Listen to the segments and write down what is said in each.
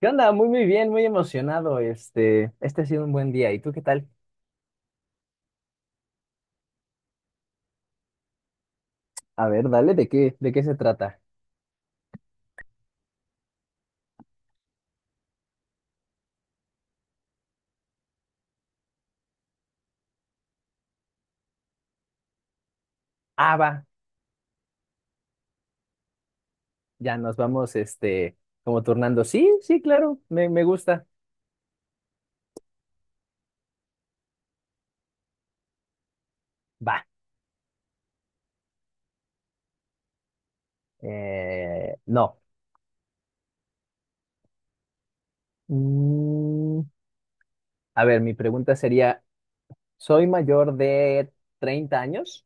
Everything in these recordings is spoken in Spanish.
¿Qué onda? Muy, muy bien, muy emocionado. Este ha sido un buen día. ¿Y tú qué tal? A ver, dale, ¿de qué se trata? Ah, va, ya nos vamos, como turnando. Sí, sí, claro, me gusta. Va, no. Mm, a ver, mi pregunta sería, ¿soy mayor de 30 años?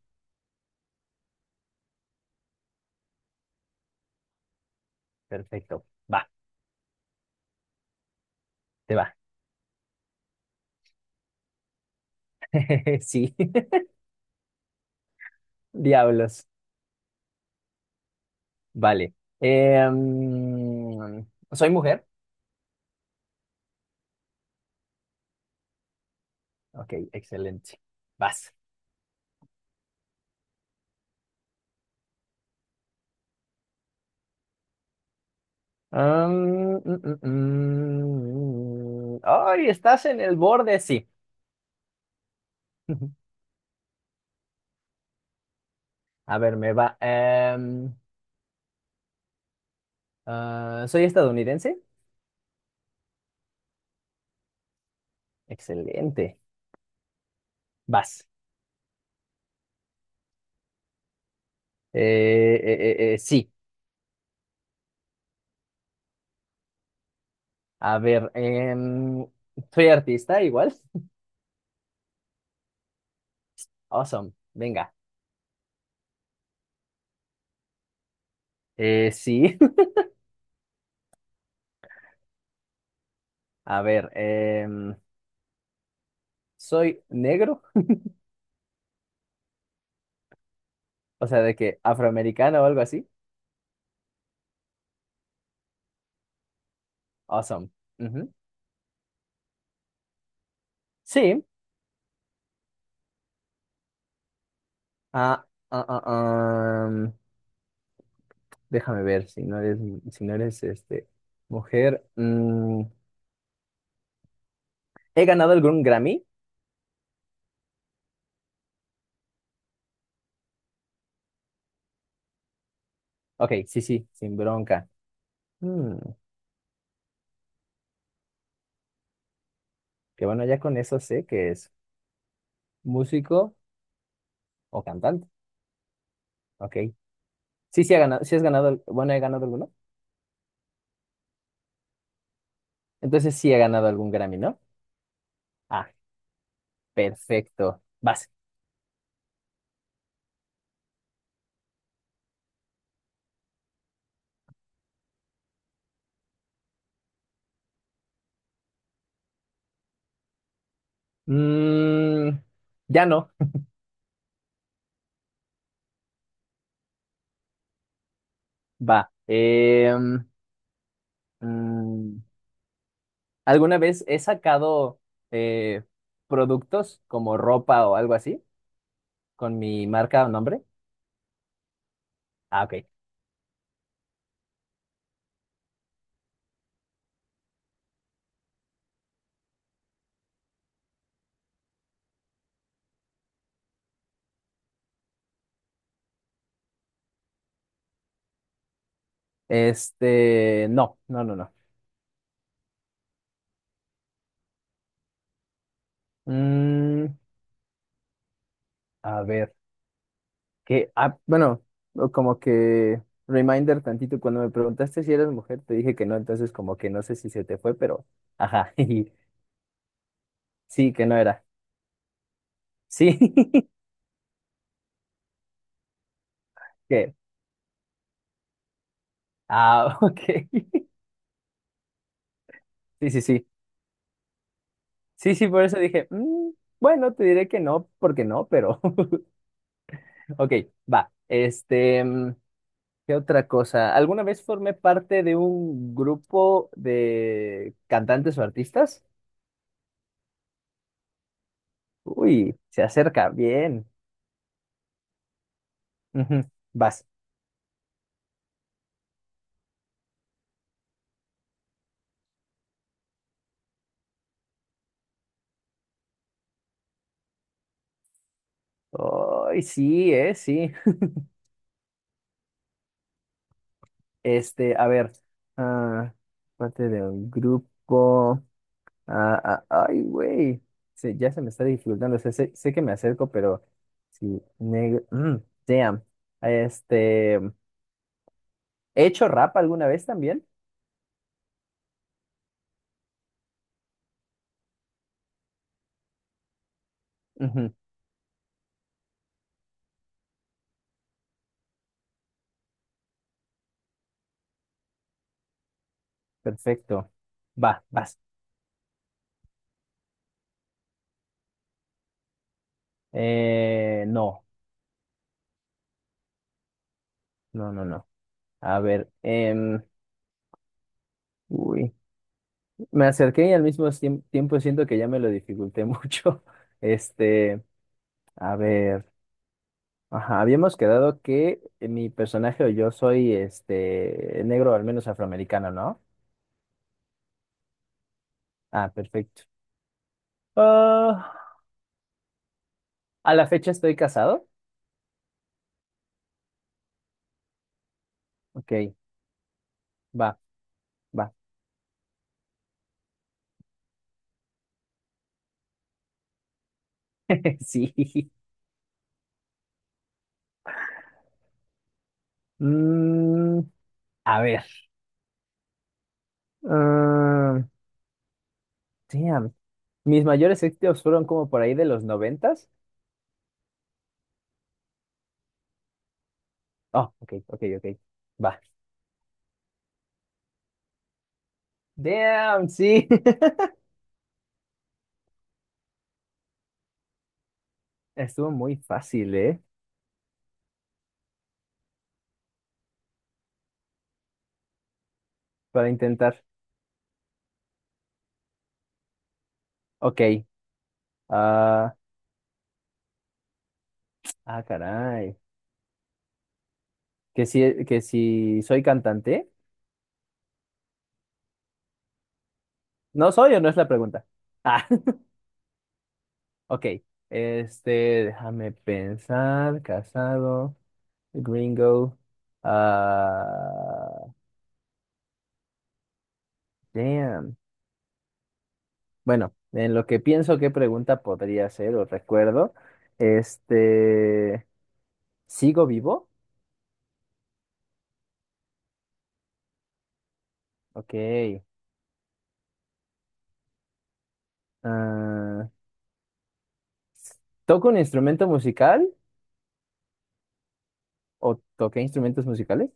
Perfecto, va, te va. Sí, diablos, vale. Em, ¿Soy mujer? Ok, excelente. Vas. Am, mm, mm, mm. Ay, estás en el borde, sí. A ver, me va. ¿Soy estadounidense? Excelente. Vas. Sí. A ver, ¿soy artista igual? Awesome. Venga. Sí. A ver, ¿soy negro? O sea, de que afroamericano o algo así. Awesome. Ujú. Sí. Ah, ah, ah, ah. Déjame ver si no eres, si no eres mujer. ¿He ganado algún Grammy? Ok, sí, sí, sin bronca. Mm, que bueno, ya con eso sé que es músico o cantante. Ok. Sí, sí, ha ganado, sí has ganado, bueno, he ganado alguno. Entonces sí he ganado algún Grammy, ¿no? Ah, perfecto. Vas. Mm, ya no. Va. Mm, ¿Alguna vez he sacado eh, productos como ropa o algo así? Con mi marca o nombre. Ah, ok. Este, no, no, no, no. Mm, a ver, bueno, o como que reminder tantito, cuando me preguntaste si eras mujer, te dije que no, entonces como que no sé si se te fue, pero, ajá, y sí, que no era. Sí, que, ok. Sí, sí, sí. Sí, sí, por eso dije, bueno, te diré que no, porque no, pero, ok, va. Este, ¿qué otra cosa? ¿Alguna vez formé parte de un grupo de cantantes o artistas? Uy, se acerca, bien. Ujú. Vas. Ay, sí, sí. Este, a ver. ah, parte de un grupo. Ay, güey. Ya se me está dificultando. O sea, sé que me acerco, pero sí. Negro. Damn. Este. ¿He hecho rap alguna vez también? Ujú. Perfecto. Va, vas. No, no, no, no. A ver, uy, me acerqué y al mismo tiempo siento que ya me lo dificulté mucho. Este, a ver, ajá, habíamos quedado que mi personaje o yo soy este negro, al menos afroamericano, ¿no? Ah, perfecto. Ah, a la fecha estoy casado. Ok, va, va. Sí. Mm, a ver. ah, damn. Mis mayores éxitos fueron como por ahí de los 90. Oh, ok, ok, ok. Va. Damn, sí. Estuvo muy fácil, ¿eh? Para intentar. Ok. Ah, caray. Que si soy cantante? ¿No soy o no es la pregunta? Ah, ok. Este, déjame pensar. Casado, gringo. Ah, damn. Bueno, en lo que pienso qué pregunta podría ser o recuerdo. Este, ¿sigo vivo? Ok. Ah, ¿toca un instrumento musical o toqué instrumentos musicales?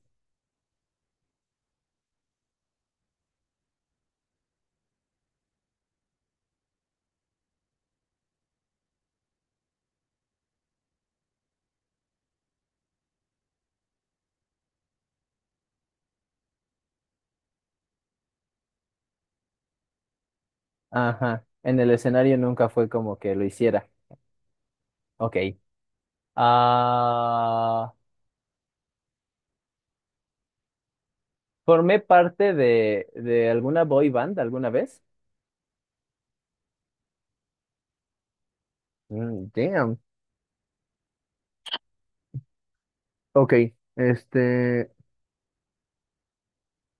Ajá, en el escenario nunca fue como que lo hiciera. Ok. Ah, ¿formé parte de, alguna boy band alguna vez? Mm, damn. Ok, este...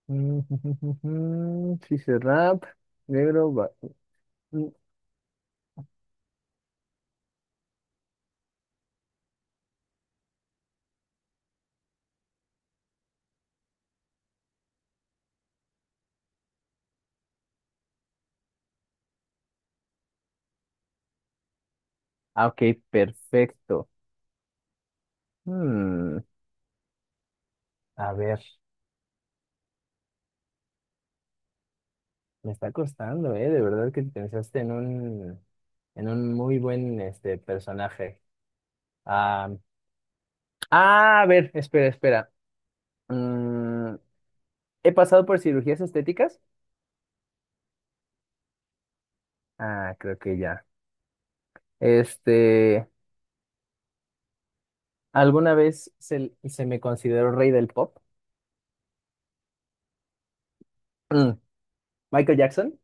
mm, sí, se rap, negro... Mm, ah, ok, perfecto. Hmm, a ver. Me está costando, ¿eh? De verdad que pensaste en en un muy buen personaje. Ah, a ver, espera. Mm, ¿he pasado por cirugías estéticas? Ah, creo que ya. Este, ¿alguna vez se me consideró rey del pop? Mm, ¿Michael Jackson?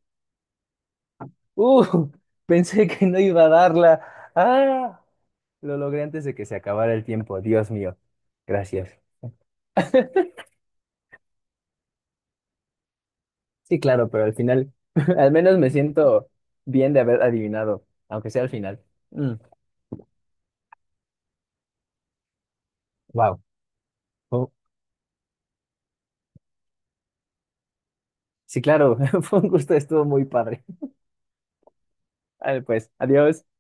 Uh, pensé que no iba a darla. Ah, lo logré antes de que se acabara el tiempo. Dios mío. Gracias. Sí, claro, pero al final, al menos me siento bien de haber adivinado, aunque sea al final. Wow. Sí, claro, fue un gusto, estuvo muy padre. Vale, pues, adiós.